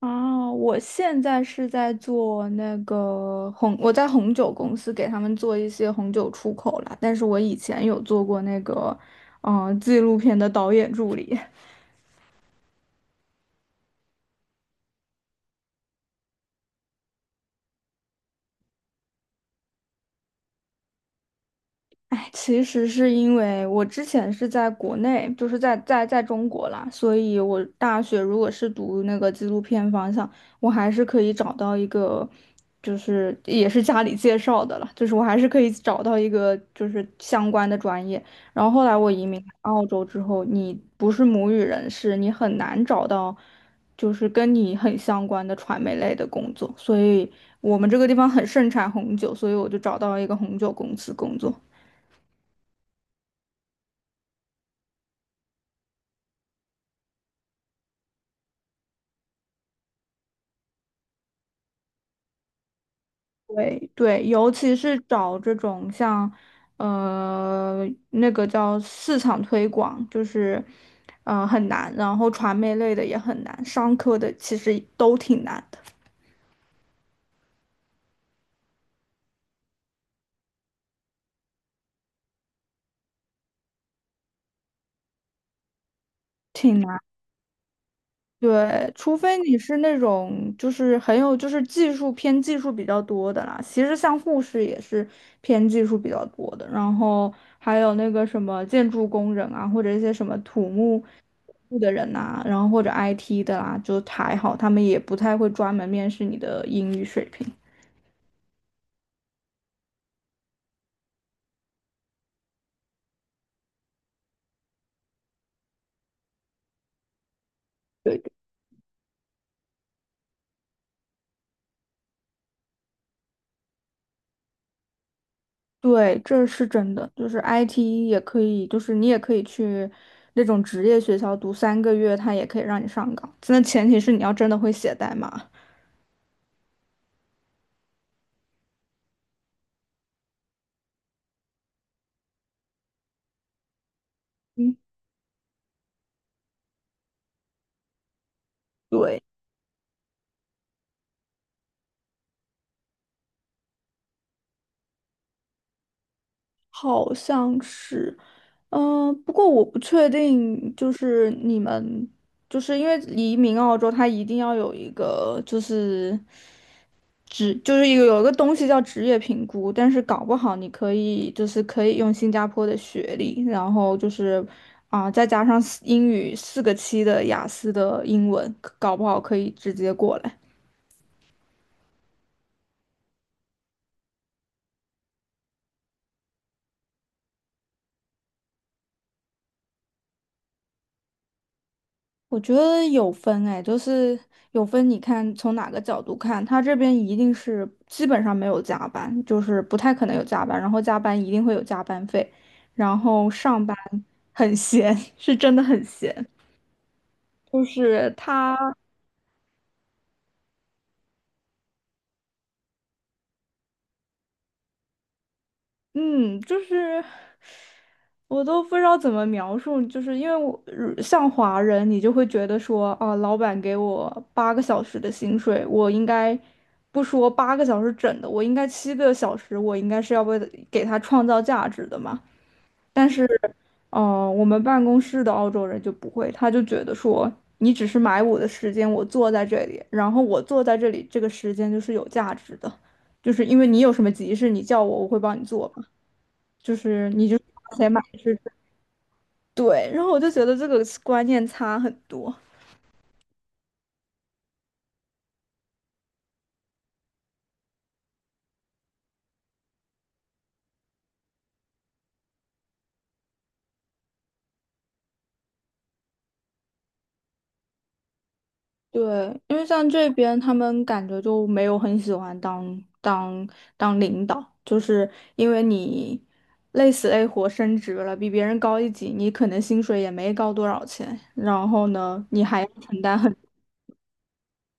哦，我现在是在做那个红，我在红酒公司给他们做一些红酒出口啦，但是我以前有做过那个，纪录片的导演助理。哎，其实是因为我之前是在国内，就是在中国啦，所以我大学如果是读那个纪录片方向，我还是可以找到一个，就是也是家里介绍的了，就是我还是可以找到一个就是相关的专业。然后后来我移民澳洲之后，你不是母语人士，你很难找到就是跟你很相关的传媒类的工作，所以我们这个地方很盛产红酒，所以我就找到了一个红酒公司工作。对对，尤其是找这种像，呃，那个叫市场推广，就是，很难，然后传媒类的也很难，商科的其实都挺难的，挺难。对，除非你是那种就是很有就是技术偏技术比较多的啦，其实像护士也是偏技术比较多的，然后还有那个什么建筑工人啊，或者一些什么土木部的人呐、然后或者 IT 的啦、就还好，他们也不太会专门面试你的英语水平。对，这是真的，就是 IT 也可以，就是你也可以去那种职业学校读3个月，他也可以让你上岗。那前提是你要真的会写代码。嗯，对，好像是，不过我不确定，就是你们，就是因为移民澳洲，它一定要有一个就是职就是有一个东西叫职业评估，但是搞不好你可以就是可以用新加坡的学历，然后就是啊、再加上四英语4个7的雅思的英文，搞不好可以直接过来。我觉得有分哎，就是有分，你看从哪个角度看，他这边一定是基本上没有加班，就是不太可能有加班，然后加班一定会有加班费，然后上班很闲，是真的很闲。就是他。嗯，就是我都不知道怎么描述，就是因为我像华人，你就会觉得说啊，老板给我八个小时的薪水，我应该不说八个小时整的，我应该7个小时，我应该是要为了给他创造价值的嘛。但是，哦，我们办公室的澳洲人就不会，他就觉得说你只是买我的时间，我坐在这里，然后我坐在这里，这个时间就是有价值的，就是因为你有什么急事，你叫我，我会帮你做。就是你就是花钱买是对，然后我就觉得这个观念差很多。对，因为像这边他们感觉就没有很喜欢当领导，就是因为你累死累活升职了，比别人高一级，你可能薪水也没高多少钱，然后呢，你还要承担很，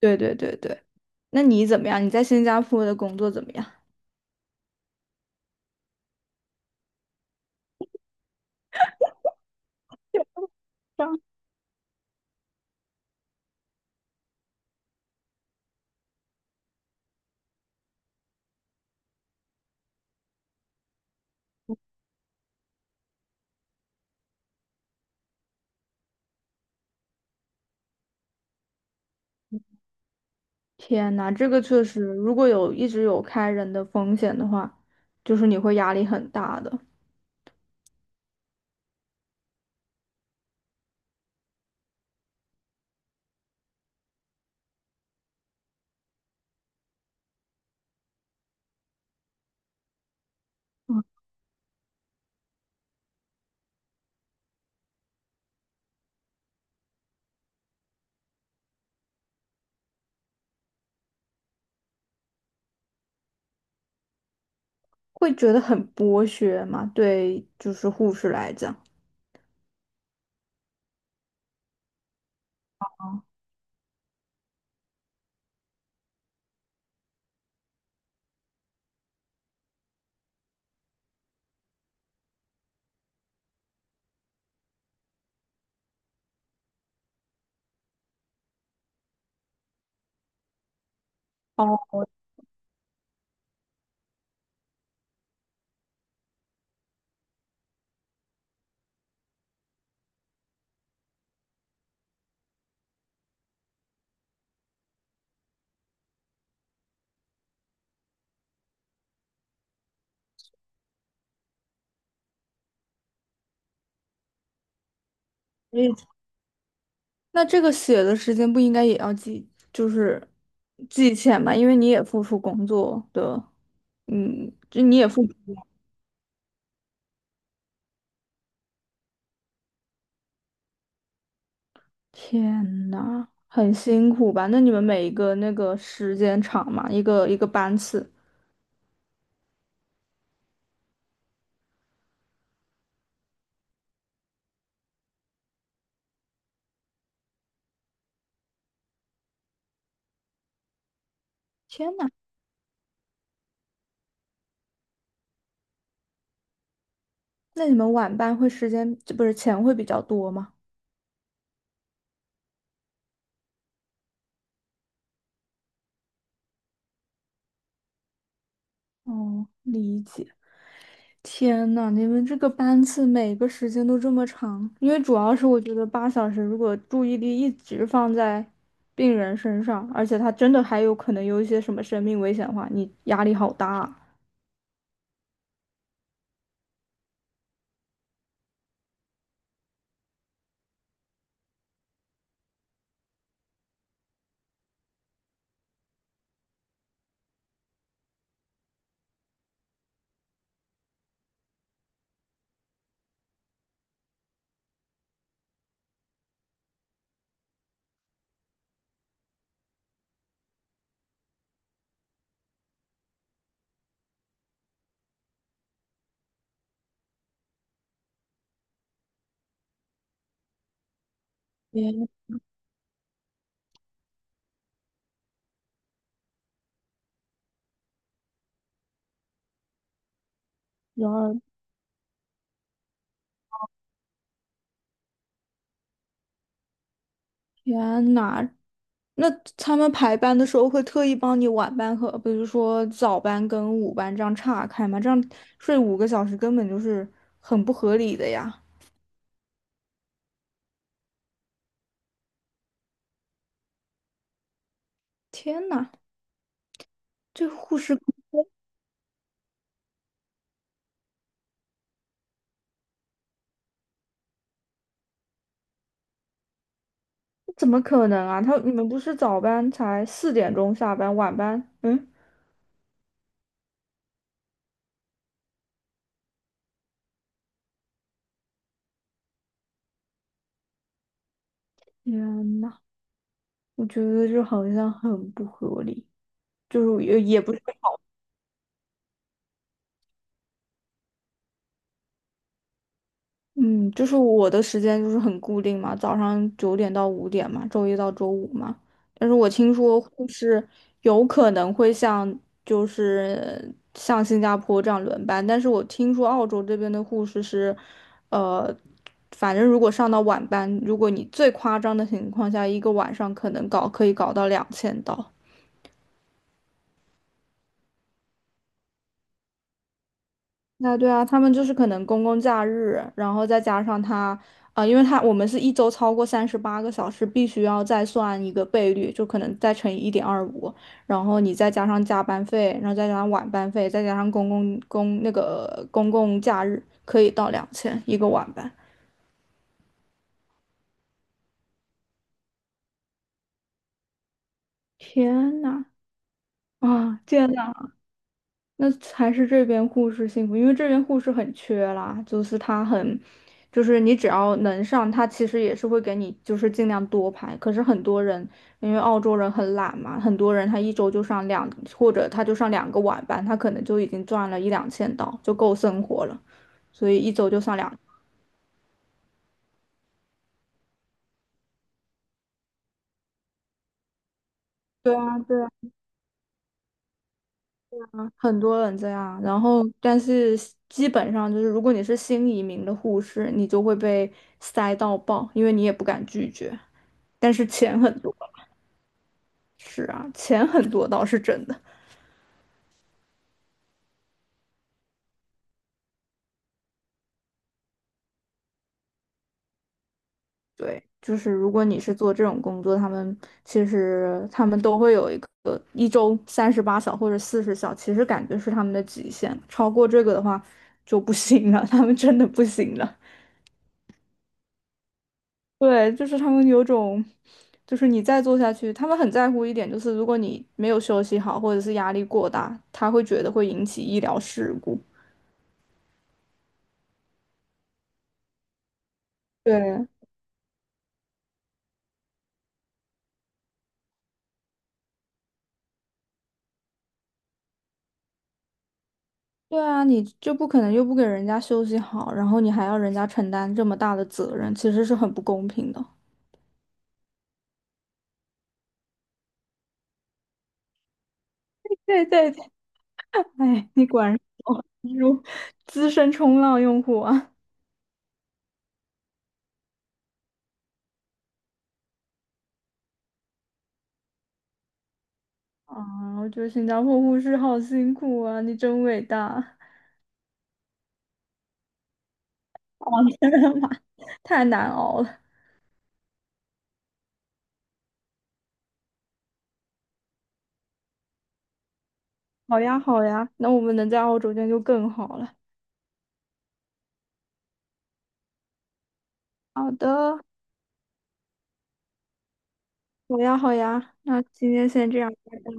对对对对。那你怎么样？你在新加坡的工作怎么样？天呐，这个确实，如果有一直有开人的风险的话，就是你会压力很大的，会觉得很剥削嘛，对，就是护士来讲。哦，所以那这个写的时间不应该也要记，就是记钱吧，因为你也付出工作的，嗯，就你也付出。天呐，很辛苦吧？那你们每一个那个时间长嘛，一个一个班次。天呐，那你们晚班会时间，不是钱会比较多吗？哦，理解。天呐，你们这个班次每个时间都这么长，因为主要是我觉得8小时如果注意力一直放在病人身上，而且他真的还有可能有一些什么生命危险的话，你压力好大啊。天呐，天呐，那他们排班的时候会特意帮你晚班和，比如说早班跟午班这样岔开吗？这样睡5个小时根本就是很不合理的呀！天呐，这护士。怎么可能啊？他你们不是早班才4点钟下班，晚班？嗯，天呐，我觉得这好像很不合理，就是也不是。嗯，就是我的时间就是很固定嘛，早上9点到5点嘛，周一到周五嘛。但是我听说护士有可能会像就是像新加坡这样轮班，但是我听说澳洲这边的护士是，呃，反正如果上到晚班，如果你最夸张的情况下，一个晚上可能搞可以搞到两千刀。那对啊，他们就是可能公共假日，然后再加上他，因为他我们是一周超过38个小时，必须要再算一个倍率，就可能再乘以1.25，然后你再加上加班费，然后再加上晚班费，再加上公共公那个公共假日，可以到两千一个晚班。天呐，啊，天呐，那还是这边护士幸福，因为这边护士很缺啦，就是他很，就是你只要能上，他其实也是会给你就是尽量多排。可是很多人，因为澳洲人很懒嘛，很多人他一周就上两，或者他就上两个晚班，他可能就已经赚了1、2千刀，就够生活了，所以一周就上两。对啊，对啊，很多人这样。然后，但是基本上就是，如果你是新移民的护士，你就会被塞到爆，因为你也不敢拒绝。但是钱很多，是啊，钱很多倒是真的。对，就是如果你是做这种工作，他们其实他们都会有一个一周38小或者40小，其实感觉是他们的极限，超过这个的话就不行了，他们真的不行了。对，就是他们有种，就是你再做下去，他们很在乎一点，就是如果你没有休息好，或者是压力过大，他会觉得会引起医疗事故。对，对啊，你就不可能又不给人家休息好，然后你还要人家承担这么大的责任，其实是很不公平的。对对对，哎，你果然是资深冲浪用户啊！啊，我觉得新加坡护士好辛苦啊，你真伟大！哦，真的吗？太难熬了。好呀，好呀，那我们能在澳洲见就更好了。好的，好呀，好呀，那今天先这样，拜拜。